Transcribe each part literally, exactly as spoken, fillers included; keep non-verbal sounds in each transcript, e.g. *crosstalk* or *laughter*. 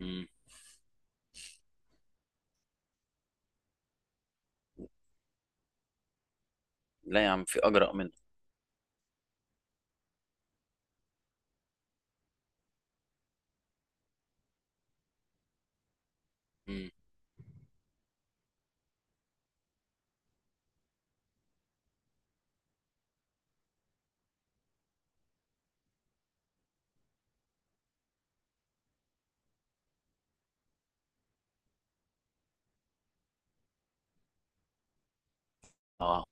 مم. لا يا عم في اجرأ منه. مم. اه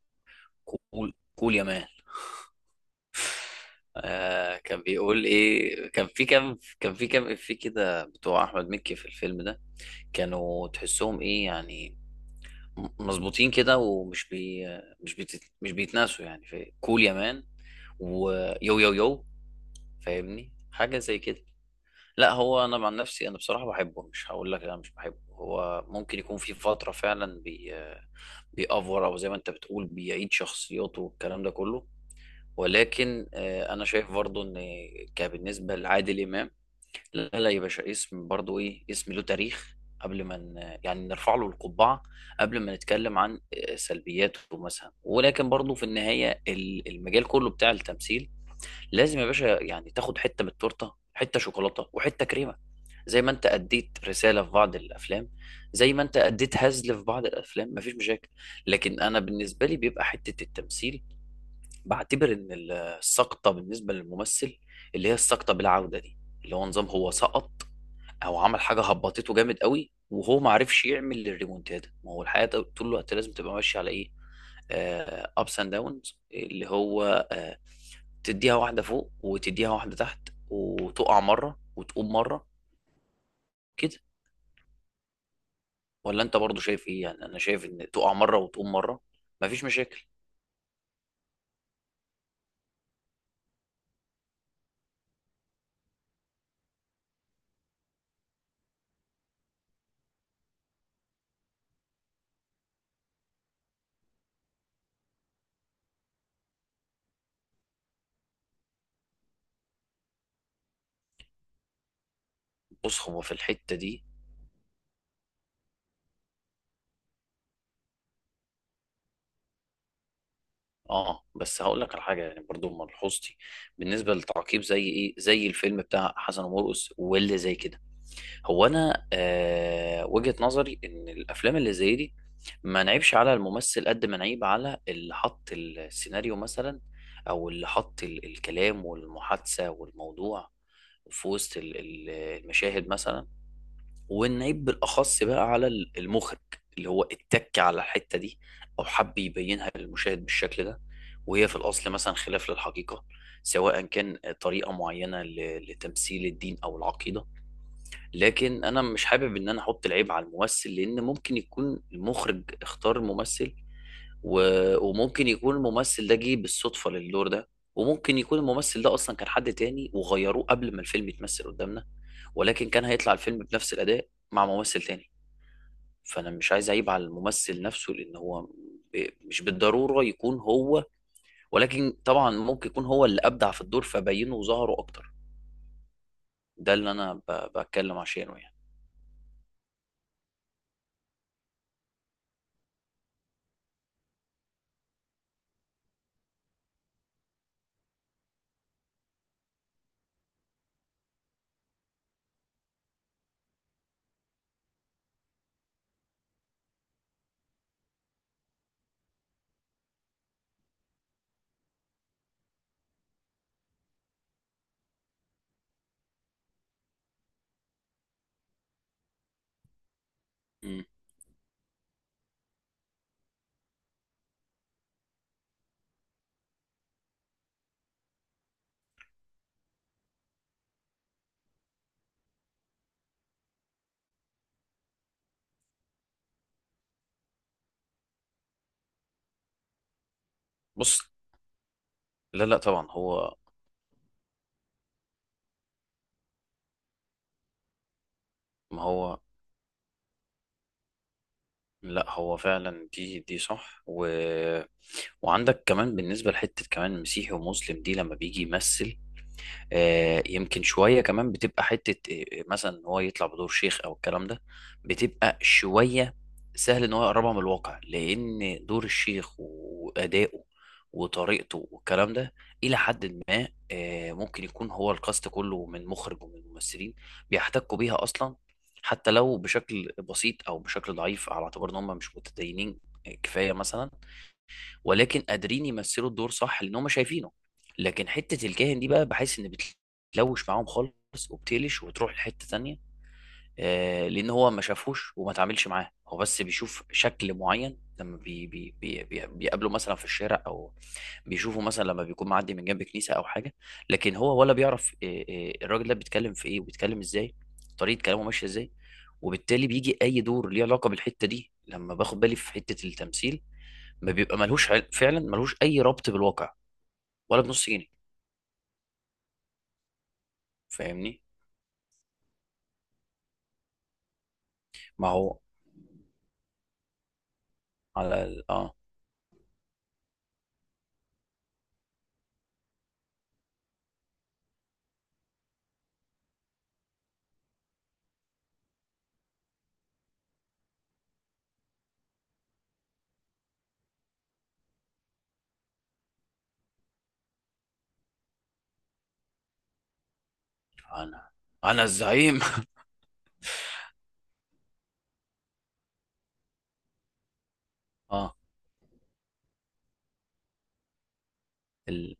كول كول يا مان. آه كان بيقول ايه، كان في كام كان في كام افيه كده بتوع احمد مكي في الفيلم ده؟ كانوا تحسهم ايه يعني؟ م- مظبوطين كده ومش بي مش بيت مش بيتناسوا يعني في كول يا مان ويو يو يو. فاهمني حاجة زي كده. لا هو انا مع نفسي، انا بصراحة بحبه، مش هقول لك لا مش بحبه. هو ممكن يكون في فترة فعلا بيأفور، او زي ما انت بتقول بيعيد شخصياته والكلام ده كله. ولكن آه، انا شايف برضو ان كبالنسبه لعادل امام، لا لا يا باشا، اسم برضو ايه، اسم له تاريخ. قبل ما ن- يعني نرفع له القبعه، قبل ما نتكلم عن آه، سلبياته مثلا، ولكن برضو في النهايه ال- المجال كله بتاع التمثيل، لازم يا باشا يعني تاخد حته من التورته، حته شوكولاته وحته كريمه. زي ما انت اديت رساله في بعض الافلام، زي ما انت اديت هزل في بعض الافلام، مفيش مشاكل. لكن انا بالنسبه لي بيبقى حته التمثيل، بعتبر ان ال- السقطه بالنسبه للممثل، اللي هي السقطه بالعوده دي، اللي هو نظام هو سقط، او عمل حاجه هبطته جامد قوي وهو ما عرفش يعمل الريمونتادا. ما هو الحياه طول الوقت لازم تبقى ماشيه على ايه، ابس اند داونز، اللي هو آه، تديها واحدة فوق وتديها واحدة تحت، وتقع مرة وتقوم مرة، كده. ولا انت برضو شايف ايه؟ يعني انا شايف ان تقع مرة وتقوم مرة، مفيش مشاكل. بص هو في الحتة دي، اه. بس هقول لك على حاجة يعني، برضو ملحوظتي بالنسبة للتعقيب زي ايه، زي الفيلم بتاع حسن ومرقص واللي زي كده. هو انا آه وجهة نظري ان الافلام اللي زي دي، ما نعيبش على الممثل قد ما نعيب على اللي حط السيناريو مثلا، او اللي حط ال- الكلام والمحادثة والموضوع في وسط ال- ال- المشاهد مثلا، والنعيب بالاخص بقى على ال- المخرج اللي هو اتك على الحتة دي، او حب يبينها للمشاهد بالشكل ده وهي في الاصل مثلا خلاف للحقيقة. سواء كان طريقة معينة ل- لتمثيل الدين او العقيدة. لكن انا مش حابب ان انا احط العيب على الممثل، لان ممكن يكون المخرج اختار ممثل و... وممكن يكون الممثل ده جه بالصدفة للدور ده، وممكن يكون الممثل ده اصلا كان حد تاني وغيروه قبل ما الفيلم يتمثل قدامنا، ولكن كان هيطلع الفيلم بنفس الاداء مع ممثل تاني. فانا مش عايز اعيب على الممثل نفسه لان هو ب- مش بالضرورة يكون هو، ولكن طبعا ممكن يكون هو اللي ابدع في الدور فبينه وظهره اكتر. ده اللي انا ب... بتكلم عشانه يعني. مم. بص. لا لا طبعا هو. ما هو. لا هو فعلا دي دي صح و... وعندك كمان بالنسبة لحتة كمان مسيحي ومسلم دي لما بيجي يمثل، آه، يمكن شوية كمان بتبقى حتة، آه، مثلا إن هو يطلع بدور شيخ أو الكلام ده، بتبقى شوية سهل إن هو يقربها من الواقع، لأن دور الشيخ وأدائه وطريقته والكلام ده إلى حد ما، آه، ممكن يكون هو الكاست كله من مخرج ومن ممثلين بيحتكوا بيها أصلا، حتى لو بشكل بسيط أو بشكل ضعيف على اعتبار إن هم مش متدينين، آه، كفاية مثلا، ولكن قادرين يمثلوا الدور صح لان هم شايفينه. لكن حته الكاهن دي بقى بحس ان بتلوش معاهم خالص وبتقلش وتروح لحته تانية. آه لان هو ما شافوش وما تعاملش معاه، هو بس بيشوف شكل معين لما بي بي بي بي بيقابله مثلا في الشارع، او بيشوفه مثلا لما بيكون معدي من جنب كنيسه او حاجه. لكن هو ولا بيعرف آه، آه، الراجل ده بيتكلم في ايه وبيتكلم ازاي، طريقه كلامه ماشيه ازاي. وبالتالي بيجي اي دور ليه علاقه بالحته دي، لما باخد بالي في حته التمثيل، ما بيبقى ملهوش عل... فعلا ملهوش اي ربط بالواقع ولا بنص جنيه. فاهمني. ما هو على ال... اه. انا انا الزعيم. *laughs* اه. ال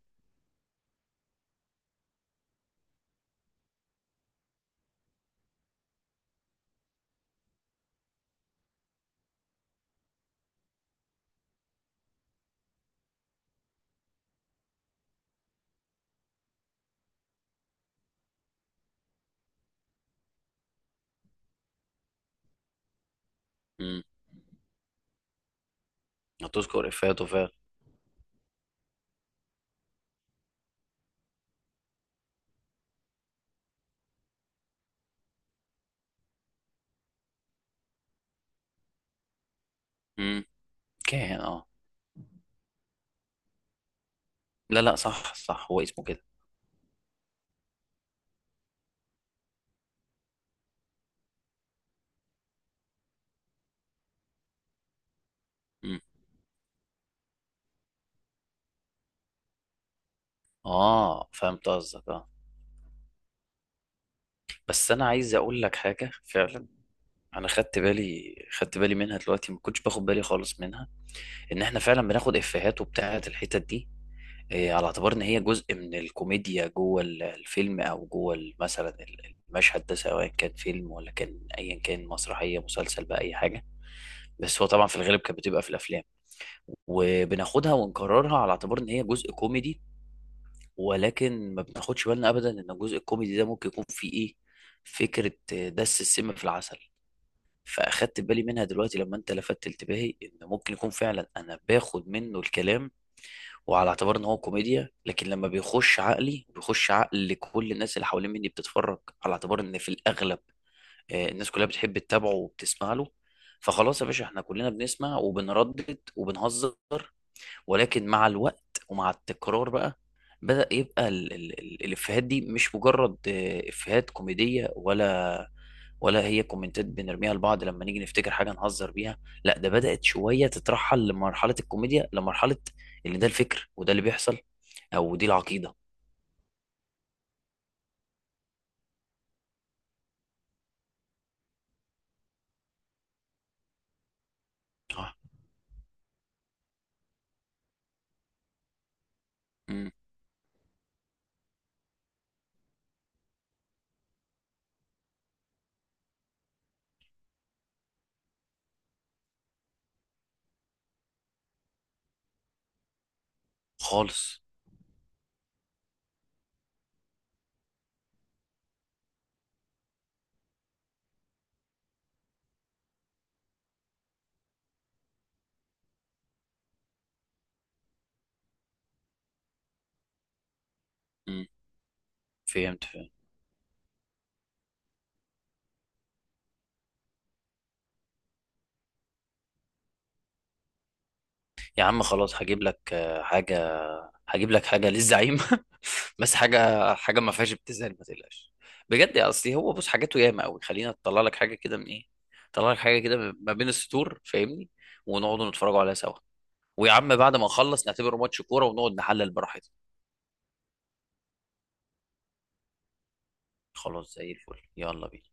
امم هتذكر افاته فعلا. امم. كان اه. لا لا، صح صح، هو اسمه كده. امم. اه فهمت قصدك، اه. بس انا عايز اقول لك حاجه فعلا. انا خدت بالي، خدت بالي منها دلوقتي، ما كنتش باخد بالي خالص منها. ان احنا فعلا بناخد افيهات وبتاعه الحتت دي، إيه، على اعتبار ان هي جزء من الكوميديا جوه ال- الفيلم، او جوه ال- مثلا ال- المشهد ده، سواء كان فيلم ولا كان ايا كان، مسرحيه، مسلسل بقى، اي حاجه. بس هو طبعا في الغالب كانت بتبقى في الافلام، وبناخدها ونكررها على اعتبار ان هي جزء كوميدي. ولكن ما بناخدش بالنا ابدا ان الجزء الكوميدي ده ممكن يكون فيه ايه، فكره آه، دس السم في العسل. فاخدت بالي منها دلوقتي لما انت لفتت انتباهي ان ممكن يكون فعلا انا باخد منه الكلام، وعلى اعتبار ان هو كوميديا، لكن لما بيخش عقلي بيخش عقل لكل الناس اللي حوالين مني بتتفرج. على اعتبار ان في الاغلب آه، الناس كلها بتحب تتابعه وبتسمع له، فخلاص يا باشا احنا كلنا بنسمع وبنردد وبنهزر. ولكن مع الوقت ومع التكرار بقى، بدأ يبقى ال- ال- ال- الافيهات دي مش مجرد آه، افيهات كوميدية، ولا ولا هي كومنتات بنرميها لبعض لما نيجي نفتكر حاجه نهزر بيها. لا ده بدات شويه تترحل لمرحله الكوميديا، لمرحله اللي ده الفكر، وده اللي بيحصل، او دي العقيده. اه. امم. خالص. امم. فهمت فهمت. يا عم خلاص هجيب لك آه، حاجه، هجيب لك حاجه للزعيم. *laughs* بس حاجه، حاجه ما فيهاش ابتذال، ما تقلقش. بجد يا اصلي هو بص حاجاته ياما قوي، خلينا اطلع لك حاجه كده من ايه، اطلع لك حاجه كده ما بين السطور فاهمني. ونقعدوا نتفرجوا عليها سوا، ويا عم بعد ما نخلص نعتبره ماتش كوره ونقعد نحلل براحتنا. خلاص زي الفل يلا بينا